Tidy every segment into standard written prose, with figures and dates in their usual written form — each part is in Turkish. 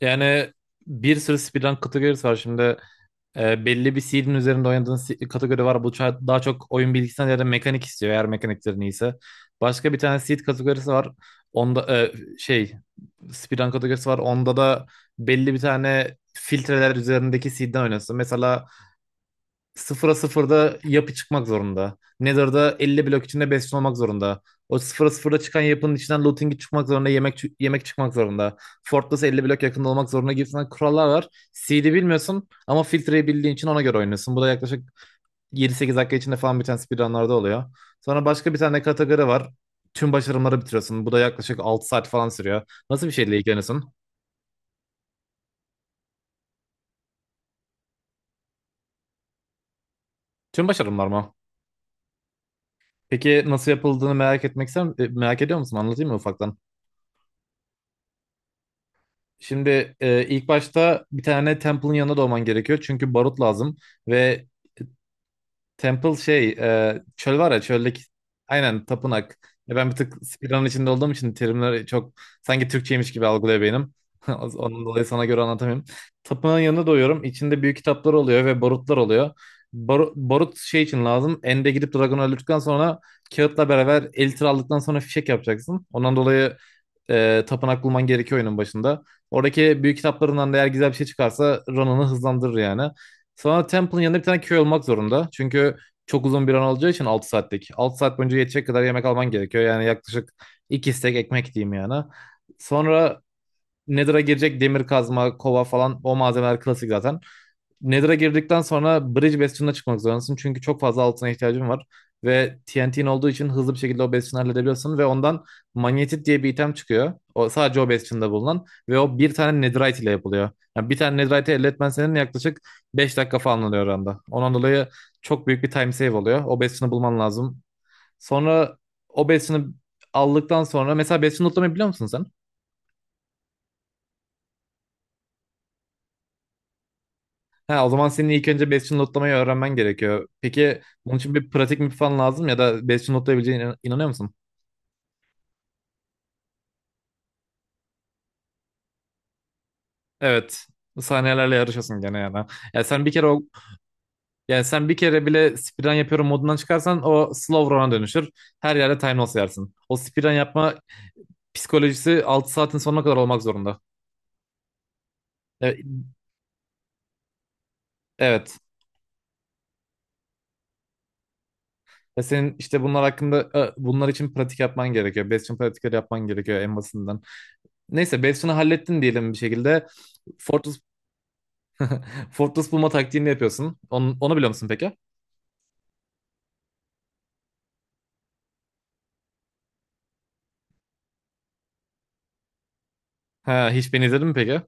Yani bir sürü speedrun kategorisi var. Şimdi belli bir seed'in üzerinde oynadığın kategori var. Bu daha çok oyun bilgisinden ya mekanik istiyor eğer mekaniklerin iyiyse. Başka bir tane seed kategorisi var. Onda şey speedrun kategorisi var. Onda da belli bir tane filtreler üzerindeki seed'den oynuyorsun. Mesela sıfıra sıfırda yapı çıkmak zorunda. Nether'da 50 blok içinde besin olmak zorunda. O sıfıra sıfırda çıkan yapının içinden looting'i çıkmak zorunda, yemek çıkmak zorunda. Fortress 50 blok yakında olmak zorunda gibisinden kurallar var. CD bilmiyorsun ama filtreyi bildiğin için ona göre oynuyorsun. Bu da yaklaşık 7 sekiz dakika içinde falan biten speedrunlarda oluyor. Sonra başka bir tane kategori var. Tüm başarımları bitiriyorsun. Bu da yaklaşık 6 saat falan sürüyor. Nasıl bir şeyle ilgileniyorsun? Tüm başarımlar mı? Peki nasıl yapıldığını merak etmek merak ediyor musun? Anlatayım mı ufaktan? Şimdi ilk başta bir tane Temple'ın yanına doğman gerekiyor. Çünkü barut lazım ve Temple çöl var ya çöldeki aynen tapınak. Ben bir tık speedrun içinde olduğum için terimleri çok sanki Türkçeymiş gibi algılıyor beynim. Onun dolayı sana göre anlatamıyorum. Tapınağın yanına doyuyorum. İçinde büyük kitaplar oluyor ve barutlar oluyor. Barut şey için lazım. End'e gidip dragonu öldürdükten sonra kağıtla beraber elitir aldıktan sonra fişek yapacaksın. Ondan dolayı tapınak bulman gerekiyor oyunun başında. Oradaki büyük kitaplarından da eğer güzel bir şey çıkarsa Ronan'ı hızlandırır yani. Sana Temple'ın yanında bir tane köy olmak zorunda. Çünkü çok uzun bir an olacağı için 6 saatlik. 6 saat boyunca yetecek kadar yemek alman gerekiyor. Yani yaklaşık 2 stek ekmek diyeyim yani. Sonra Nether'a girecek demir kazma, kova falan o malzemeler klasik zaten. Nether'a girdikten sonra Bridge Bastion'ına çıkmak zorundasın. Çünkü çok fazla altına ihtiyacın var. Ve TNT'in olduğu için hızlı bir şekilde o Bastion'u halledebiliyorsun. Ve ondan Magnetit diye bir item çıkıyor. O, sadece o Bastion'da bulunan. Ve o bir tane Netherite ile yapılıyor. Yani bir tane Netherite'i elde etmen senin yaklaşık 5 dakika falan alıyor oranda. Ondan dolayı çok büyük bir time save oluyor. O Bastion'u bulman lazım. Sonra o Bastion'u aldıktan sonra... Mesela Bastion'u lootlamayı biliyor musun sen? Ha, o zaman senin ilk önce Bastion notlamayı öğrenmen gerekiyor. Peki bunun için bir pratik mi falan lazım ya da Bastion notlayabileceğine inanıyor musun? Evet. Saniyelerle yarışıyorsun gene yani. Yani sen bir kere o yani sen bir kere bile speedrun yapıyorum modundan çıkarsan o slow run'a dönüşür. Her yerde time loss yersin. O speedrun yapma psikolojisi 6 saatin sonuna kadar olmak zorunda. E, Evet. Ve senin işte bunlar için pratik yapman gerekiyor. Bastion pratikleri yapman gerekiyor en basitinden. Neyse Bastion'u hallettin diyelim bir şekilde. Fortress Fortress bulma taktiğini yapıyorsun. Onu biliyor musun peki? Ha, hiç beni izledin mi peki?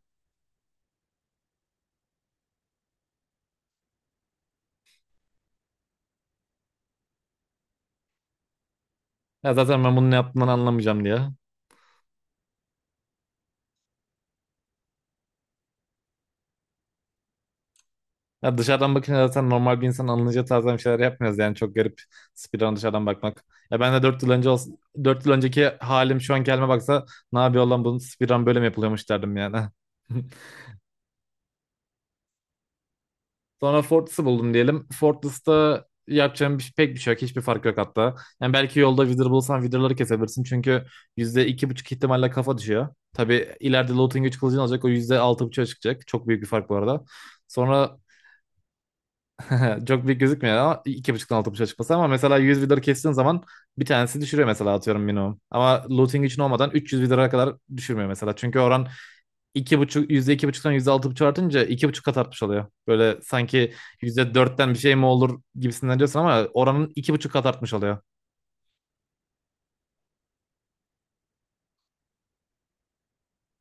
Ya zaten ben bunu ne yaptığımdan anlamayacağım diye. Ya dışarıdan bakınca zaten normal bir insan anlayacağı tarzdan bir şeyler yapmıyoruz yani çok garip speedrun dışarıdan bakmak. Ya ben de 4 yıl önce olsa, 4 yıl önceki halim şu anki halime baksa ne yapıyor lan bunun speedrun böyle mi yapılıyormuş derdim yani. Sonra Fortress'ı buldum diyelim. Fortress'ta yapacağım pek bir şey yok. Hiçbir fark yok hatta. Yani belki yolda Wither bulsan Wither'ları kesebilirsin. Çünkü yüzde iki buçuk ihtimalle kafa düşüyor. Tabii ileride Looting 3 kılıcını alacak. O %6,5'a çıkacak. Çok büyük bir fark bu arada. Sonra çok büyük gözükmüyor ama iki buçuktan 6,5'a çıkması. Ama mesela 100 Wither kestiğin zaman bir tanesi düşürüyor mesela atıyorum minimum. Ama Looting için olmadan 300 Wither'a kadar düşürmüyor mesela. Çünkü oran iki buçuk yüzde iki buçuktan yüzde altı buçuk artınca iki buçuk kat artmış oluyor. Böyle sanki yüzde dörtten bir şey mi olur gibisinden diyorsun ama oranın iki buçuk kat artmış oluyor.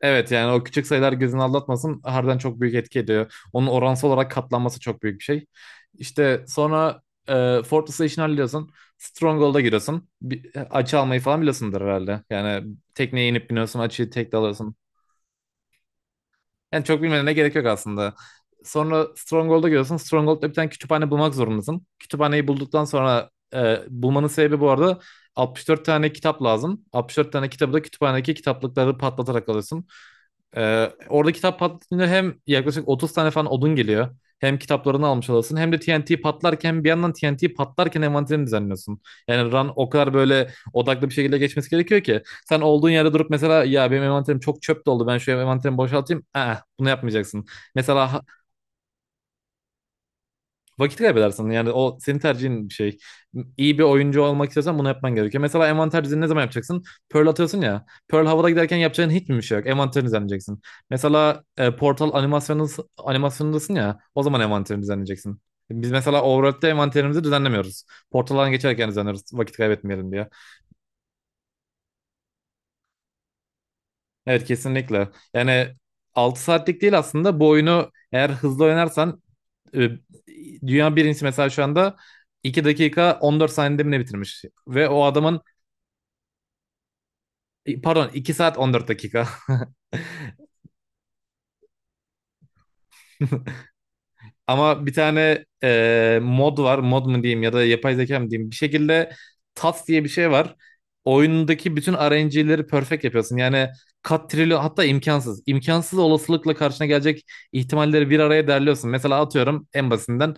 Evet yani o küçük sayılar gözünü aldatmasın harbiden çok büyük etki ediyor. Onun oransal olarak katlanması çok büyük bir şey. İşte sonra e, Fortress'ı işini hallediyorsun. Stronghold'a giriyorsun. Bir açı almayı falan biliyorsundur herhalde. Yani tekneye inip biniyorsun açıyı tek de alıyorsun. Yani çok bilmene gerek yok aslında. Sonra Stronghold'a gidiyorsun. Stronghold'da bir tane kütüphane bulmak zorundasın. Kütüphaneyi bulduktan sonra bulmanın sebebi bu arada 64 tane kitap lazım. 64 tane kitabı da kütüphanedeki kitaplıkları patlatarak alıyorsun. Orada kitap patlatınca hem yaklaşık 30 tane falan odun geliyor. Hem kitaplarını almış olasın hem de TNT patlarken bir yandan TNT patlarken envanterini düzenliyorsun. Yani run o kadar böyle odaklı bir şekilde geçmesi gerekiyor ki. Sen olduğun yerde durup mesela ya benim envanterim çok çöp doldu ben şu envanterimi boşaltayım. Aa, bunu yapmayacaksın. Mesela vakit kaybedersin. Yani o senin tercihin bir şey. İyi bir oyuncu olmak istiyorsan bunu yapman gerekiyor. Mesela envanter düzeni ne zaman yapacaksın? Pearl atıyorsun ya. Pearl havada giderken yapacağın hiç mi bir şey yok? Envanterini düzenleyeceksin. Mesela Portal animasyonundasın ya. O zaman envanterini düzenleyeceksin. Biz mesela Overworld'de envanterimizi düzenlemiyoruz. Portaldan geçerken düzenliyoruz. Vakit kaybetmeyelim diye. Evet kesinlikle. Yani 6 saatlik değil aslında bu oyunu eğer hızlı oynarsan e, dünya birincisi mesela şu anda 2 dakika 14 saniyede mi ne bitirmiş? Ve o adamın pardon 2 saat 14 dakika. Ama bir tane mod var. Mod mu diyeyim ya da yapay zeka mı diyeyim. Bir şekilde TAS diye bir şey var. Oyundaki bütün RNG'leri perfect yapıyorsun. Yani kat trilyon hatta imkansız. İmkansız olasılıkla karşına gelecek ihtimalleri bir araya derliyorsun. Mesela atıyorum en basitinden.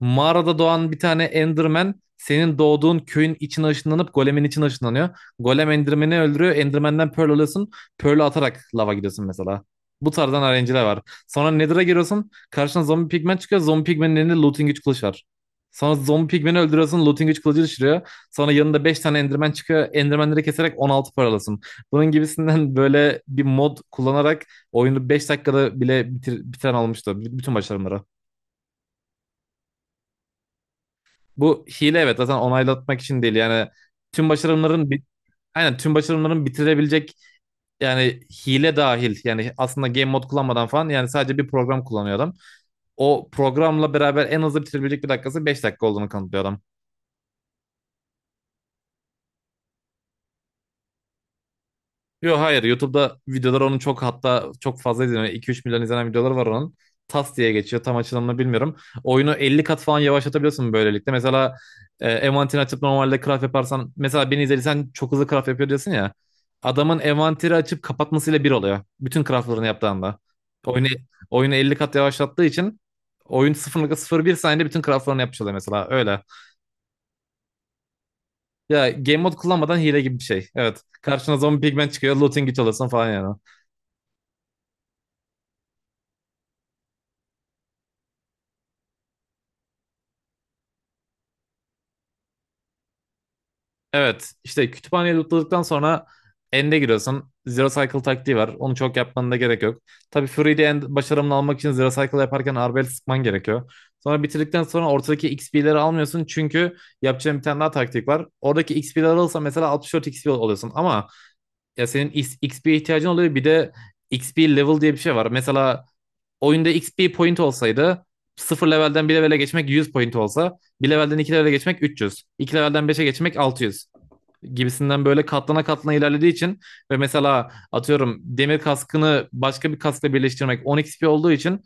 Mağarada doğan bir tane Enderman senin doğduğun köyün içine ışınlanıp golemin içine ışınlanıyor. Golem Enderman'i öldürüyor. Enderman'den Pearl alıyorsun. Pearl'ü atarak lava gidiyorsun mesela. Bu tarzdan RNG'ler var. Sonra Nether'a giriyorsun. Karşına zombi pigmen çıkıyor. Zombi pigmenin elinde looting güç kılıç var. Sonra zombi pigmeni öldürüyorsun. Looting güç kılıcı düşürüyor. Sonra yanında 5 tane enderman çıkıyor. Endermanleri keserek 16 paralasın. Bunun gibisinden böyle bir mod kullanarak oyunu 5 dakikada bile bitiren olmuştu. Bütün başarımları. Bu hile evet zaten onaylatmak için değil. Yani tüm başarımların bi- aynen tüm başarımların bitirebilecek yani hile dahil yani aslında game mod kullanmadan falan yani sadece bir program kullanıyor adam. O programla beraber en hızlı bitirebilecek bir dakikası 5 dakika olduğunu kanıtlıyor adam. Yok hayır YouTube'da videolar onun çok hatta çok fazla izleniyor. 2 üç milyon izlenen videoları var onun. Tas diye geçiyor tam açılımını bilmiyorum. Oyunu 50 kat falan yavaşlatabiliyorsun böylelikle. Mesela envanterini açıp normalde craft yaparsan mesela beni izlediysen çok hızlı craft yapıyor diyorsun ya. Adamın envanteri açıp kapatmasıyla bir oluyor. Bütün craftlarını yaptığında. Oyunu, oyunu 50 kat yavaşlattığı için oyun 0,01 saniyede bütün craftlarını yapmış oluyor mesela öyle. Ya game mode kullanmadan hile gibi bir şey. Evet. Karşına zombi pigmen çıkıyor. Looting güç alırsın falan yani. Evet. İşte kütüphaneyi lootladıktan sonra end'e giriyorsun. Zero Cycle taktiği var. Onu çok yapmanın da gerek yok. Tabii Fury'de end başarımını almak için Zero Cycle yaparken Arbelet sıkman gerekiyor. Sonra bitirdikten sonra ortadaki XP'leri almıyorsun. Çünkü yapacağın bir tane daha taktik var. Oradaki XP'leri alırsan mesela 64 XP oluyorsun. Ama ya senin XP'ye ihtiyacın oluyor. Bir de XP level diye bir şey var. Mesela oyunda XP point olsaydı sıfır levelden bir levele geçmek 100 point olsa bir levelden 2 levele geçmek 300 2 levelden beşe geçmek 600 gibisinden böyle katlana katlana ilerlediği için ve mesela atıyorum demir kaskını başka bir kaskla birleştirmek 10 XP olduğu için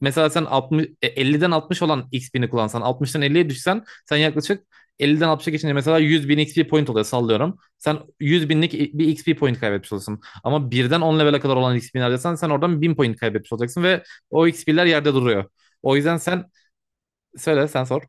mesela sen 50'den 60 olan XP'ni kullansan 60'tan 50'ye düşsen sen yaklaşık 50'den 60'a geçince mesela 100 bin XP point oluyor sallıyorum. Sen 100 binlik bir XP point kaybetmiş olursun. Ama birden 10 level'e kadar olan XP'ni harcasan sen oradan 1000 point kaybetmiş olacaksın ve o XP'ler yerde duruyor. O yüzden sen söyle sen sor.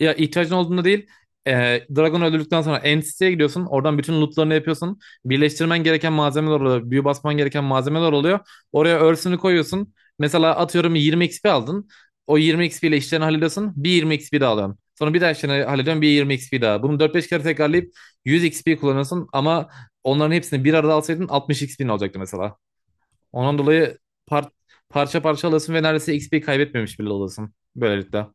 Ya ihtiyacın olduğunda değil. E, Dragon öldürdükten sonra Entity'ye gidiyorsun. Oradan bütün lootlarını yapıyorsun. Birleştirmen gereken malzemeler oluyor. Büyü basman gereken malzemeler oluyor. Oraya örsünü koyuyorsun. Mesela atıyorum 20 XP aldın. O 20 XP ile işlerini hallediyorsun. Bir 20 XP daha alıyorsun. Sonra bir daha işlerini hallediyorsun. Bir 20 XP daha. Bunu dört beş kere tekrarlayıp 100 XP kullanıyorsun. Ama onların hepsini bir arada alsaydın 60 XP'nin olacaktı mesela. Ondan dolayı par- parça parça alıyorsun ve neredeyse XP kaybetmemiş bile oluyorsun. Böylelikle.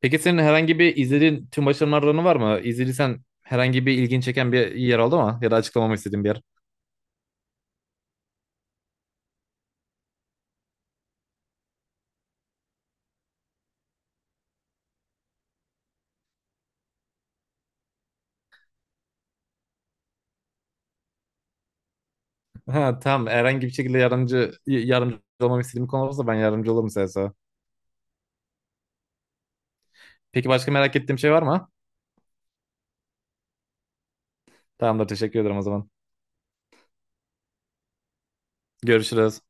Peki senin herhangi bir izlediğin tüm başarılarını var mı? İzlediysen herhangi bir ilgin çeken bir yer oldu mu? Ya da açıklamamı istediğin bir yer. Ha, tamam herhangi bir şekilde yardımcı olmamı istediğin bir konu olursa ben yardımcı olurum size. Peki başka merak ettiğim şey var mı? Tamamdır teşekkür ederim o zaman. Görüşürüz.